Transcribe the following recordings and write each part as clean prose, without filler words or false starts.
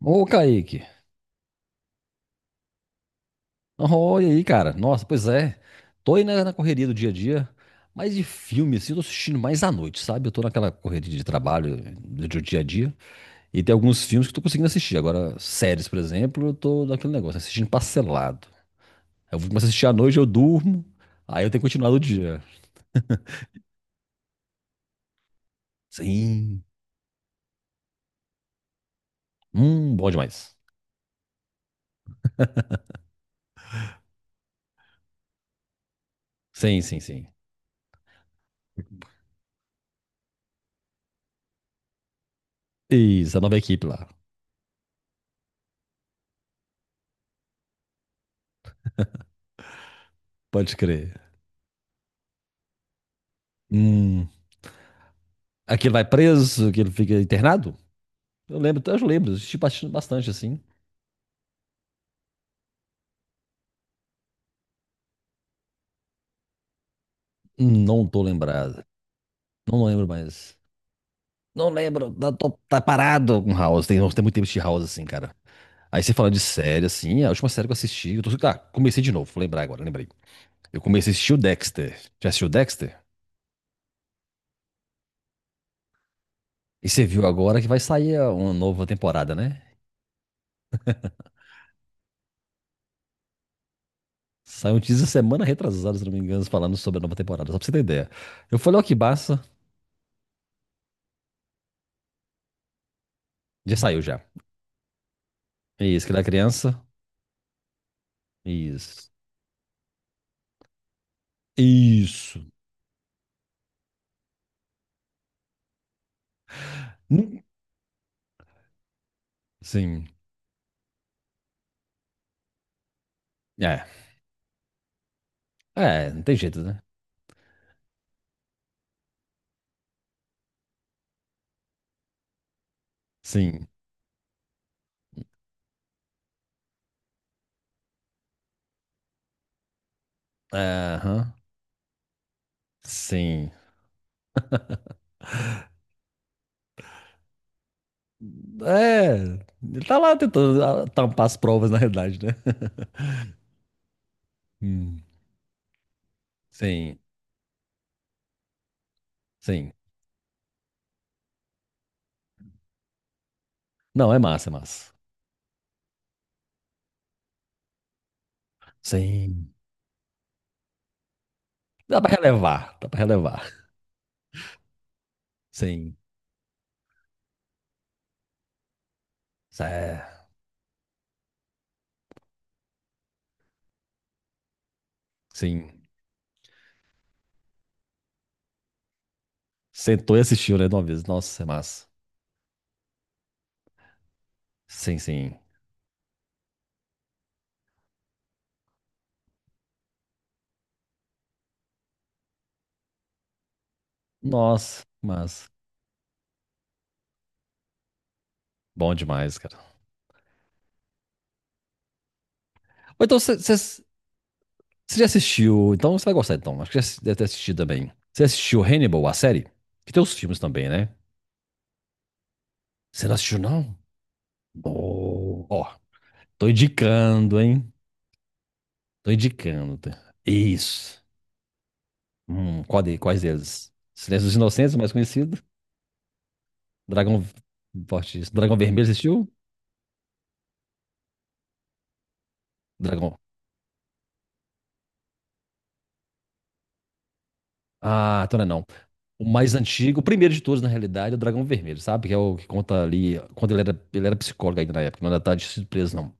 Ô, Kaique. Oh, aí, cara? Nossa, pois é. Tô aí na correria do dia a dia, mas de filme, assim, eu tô assistindo mais à noite, sabe? Eu tô naquela correria de trabalho do dia a dia. E tem alguns filmes que eu tô conseguindo assistir. Agora, séries, por exemplo, eu tô naquele negócio, assistindo parcelado. Eu vou começar a assistir à noite, eu durmo, aí eu tenho que continuar no dia. Sim. Bom demais. Sim, sim, sim. Isso, a nova equipe lá. Pode crer. Hum. Aquele vai preso, aquele fica internado? Eu lembro, eu assisti bastante, bastante, assim. Não tô lembrado. Não lembro mais. Não lembro, tá, tá parado com House. Tem muito tempo de House, assim, cara. Aí você fala de série, assim, a última série que eu assisti. Eu tô, tá, comecei de novo, vou lembrar agora, lembrei. Eu comecei a assistir o Dexter. Já assistiu o Dexter? E você viu agora que vai sair uma nova temporada, né? Saiu um teaser semana retrasada, se não me engano, falando sobre a nova temporada, só pra você ter ideia. Eu falei, ó, que massa. Já saiu já. Isso, que da criança. Isso. Isso. Hum. Sim. É, é, não tem jeito, né? Sim. É, aham. Sim. É, ele tá lá tentando tampar as provas, na realidade, né? Hum, sim, sim. Não, é massa, é massa. Sim. Dá pra relevar, dá pra relevar. Sim. É, sim. Sentou e assistiu, né, de uma vez. Nossa, é massa. Sim, sim. Nossa, mas bom demais, cara. Ou então, vocês. Você já assistiu? Então você vai gostar, então. Acho que já deve ter assistido também. Você assistiu Hannibal, a série? Que tem os filmes também, né? Você não assistiu, não? Ó, ó, tô indicando, hein? Tô indicando, tá? Isso. Quais deles? Silêncio dos Inocentes, mais conhecido. Dragão. Forte. Dragão Vermelho, você assistiu? Dragão. Ah, então não é não. O mais antigo, o primeiro de todos, na realidade, é o Dragão Vermelho, sabe? Que é o que conta ali, quando ele era psicólogo ainda na época, não era tarde de surpresa, não.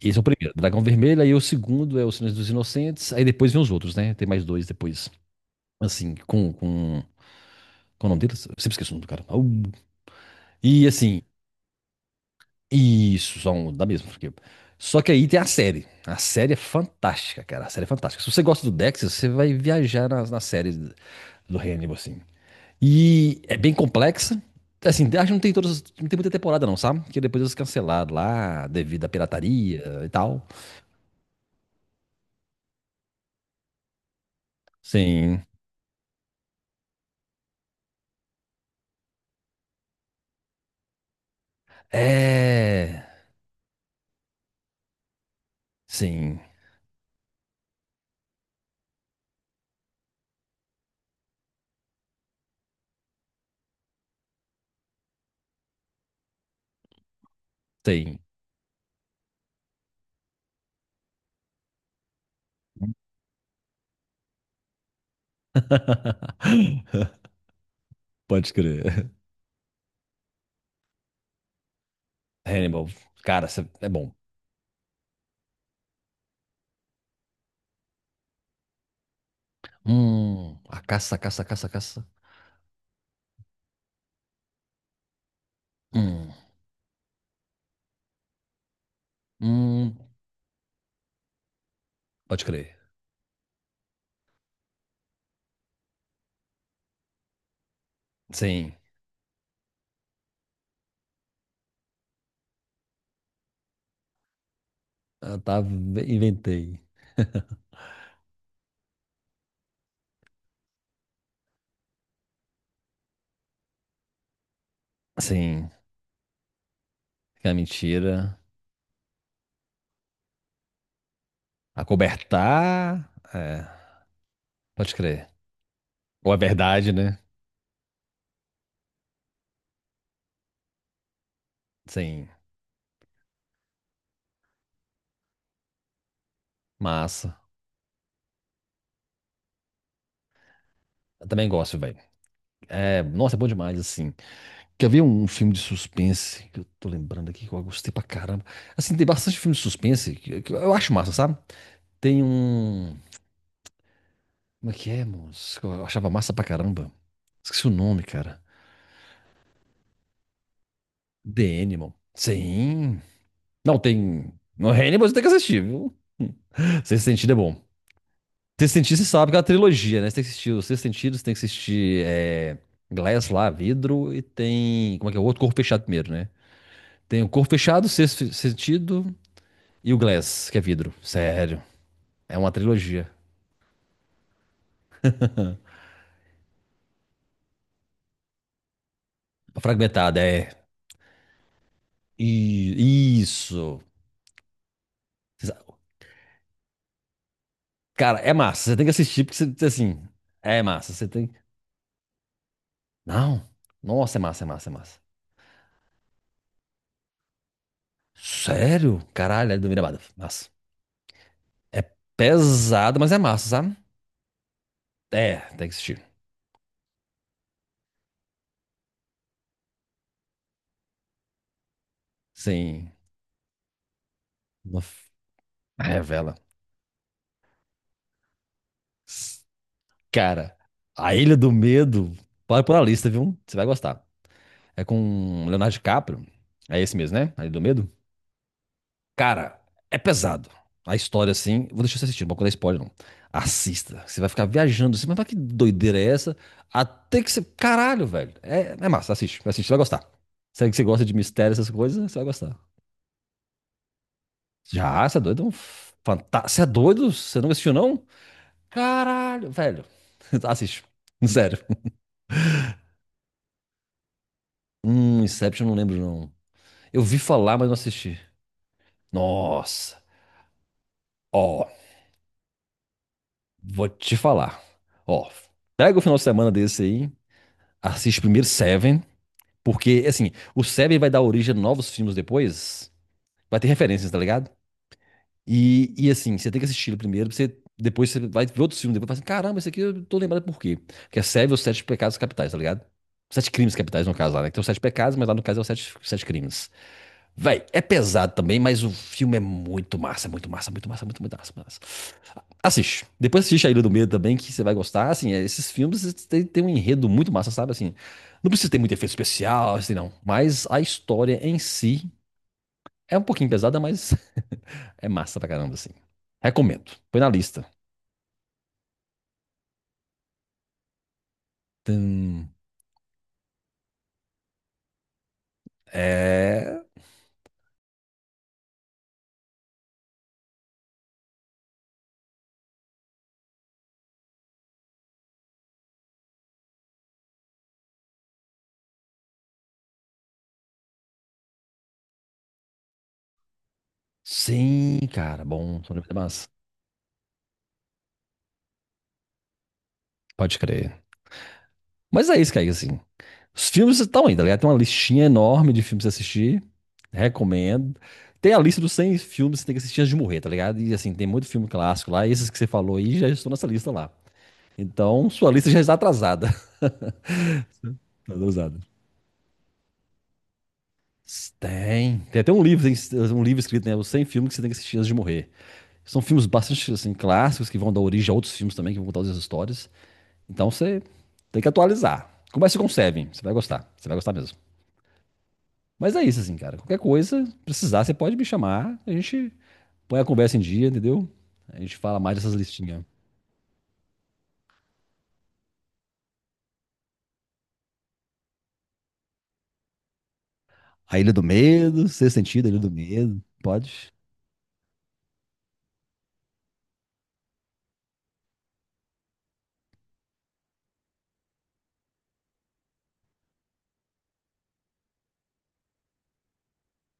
Esse é o primeiro, Dragão Vermelho, aí o segundo é O Silêncio dos Inocentes, aí depois vem os outros, né? Tem mais dois depois, assim, com o nome deles, eu sempre esqueço o nome do cara. E assim, isso, são da mesma porque. Só que aí tem a série é fantástica, cara, a série é fantástica. Se você gosta do Dexter, você vai viajar na série do Hannibal, assim. E é bem complexa, assim, acho que não tem todas, não tem muita temporada não, sabe? Porque depois eles cancelaram lá, devido à pirataria e tal. Sim, é. Sim. Tem. Pode crer. Hannibal. Cara, cê- é bom. A caça, caça, caça, caça. Hum, hum. Pode crer. Sim. Ah, tá, inventei. Sim. Que é mentira. Acobertar. É, pode crer. Ou é verdade, né? Sim. Massa. Eu também gosto, velho. É, nossa, é bom demais, assim. Quer ver um filme de suspense que eu tô lembrando aqui que eu gostei pra caramba? Assim, tem bastante filme de suspense que eu acho massa, sabe? Tem um. Como é que é, moço? Eu achava massa pra caramba. Esqueci o nome, cara. The Animal. Sim. Não, tem. No Hannibal você tem que assistir, viu? Sexto Sentido é bom. Sexto Sentido você sabe que é uma trilogia, né? Você tem que assistir o Sexto Sentido, você tem que assistir é, Glass lá, Vidro, e tem. Como é que é? O outro Corpo Fechado primeiro, né? Tem o Corpo Fechado, Sexto Sentido e o Glass, que é vidro. Sério. É uma trilogia. Fragmentada, é. E, isso. Cara, é massa. Você tem que assistir, porque você, assim, é massa. Você tem. Não. Nossa, é massa, é massa, é massa. Sério? Caralho, é do Mirabada. Massa. É pesado, mas é massa, sabe? É, tem que assistir. Sim. Uma f-. Revela. S-. Cara, A Ilha do Medo. Pode pôr a lista, viu? Você vai gostar. É com Leonardo DiCaprio. É esse mesmo, né? A Ilha do Medo? Cara, é pesado. A história, assim. Vou deixar você assistir, não vou contar spoiler, não. Assista. Você vai ficar viajando assim, mas pra que doideira é essa? Até que você. Caralho, velho. É, é massa, assiste, assiste, você vai gostar. Se é que você gosta de mistério, essas coisas, você vai gostar. Já, você é doido? É um fanta-. Você é doido? Você nunca assistiu, não? Caralho, velho. Assiste. Sério. Inception eu não lembro, não. Eu vi falar, mas não assisti. Nossa. Ó, vou te falar. Ó, pega o final de semana desse aí. Assiste primeiro Seven, porque, assim, o Seven vai dar origem a novos filmes depois. Vai ter referências, tá ligado? E assim, você tem que assistir ele primeiro, pra você, depois você vai ver outros filmes, depois fala assim, caramba, esse aqui eu tô lembrado por quê. Que é Seven, os Sete Pecados Capitais, tá ligado? Sete crimes capitais, no caso lá, né? Que tem os sete pecados, mas lá no caso é os sete, sete crimes. Véi, é pesado também, mas o filme é muito massa, muito massa, muito massa, muito massa. Assiste. Depois assiste A Ilha do Medo também, que você vai gostar. Assim, é, esses filmes têm um enredo muito massa, sabe? Assim, não precisa ter muito efeito especial, assim, não. Mas a história em si é um pouquinho pesada, mas é massa pra caramba, assim. Recomendo. Põe na lista. Tum. É. Sim, cara. Bom, massa. Pode crer. Mas é isso, Kaique, assim. Os filmes estão aí, tá ligado? Tem uma listinha enorme de filmes pra você assistir. Recomendo. Tem a lista dos 100 filmes que você tem que assistir antes de morrer, tá ligado? E assim, tem muito filme clássico lá. E esses que você falou aí já estão nessa lista lá. Então, sua lista já está atrasada. Atrasada. Tem. Tem até um livro, tem um livro escrito, né? Os 100 filmes que você tem que assistir antes de morrer. São filmes bastante, assim, clássicos que vão dar origem a outros filmes também, que vão contar outras histórias. Então, você tem que atualizar. Comece com Seven. Você vai gostar. Você vai gostar mesmo. Mas é isso, assim, cara. Qualquer coisa, precisar, você pode me chamar. A gente põe a conversa em dia, entendeu? A gente fala mais dessas listinhas. A Ilha do Medo, Sexto Sentido, a Ilha do Medo. Pode?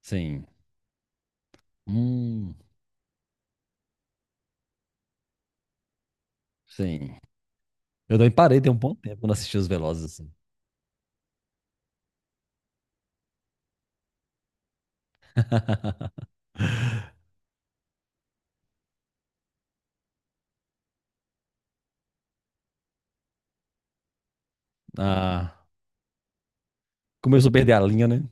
Sim. Hum, sim. Eu também parei tem um bom tempo quando assisti Os Velozes, assim. Ah, começou a perder a linha, né?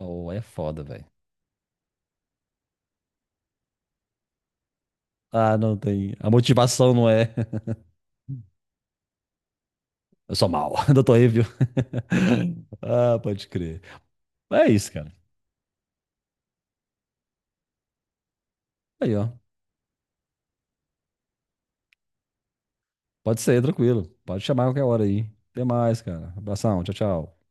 Oh, é foda, velho. Ah, não tem. A motivação não é. Eu sou mal, doutor Evil. Ah, pode crer. Mas é isso, cara. Aí, ó. Pode ser, tranquilo. Pode chamar a qualquer hora aí. Até mais, cara. Abração, tchau, tchau.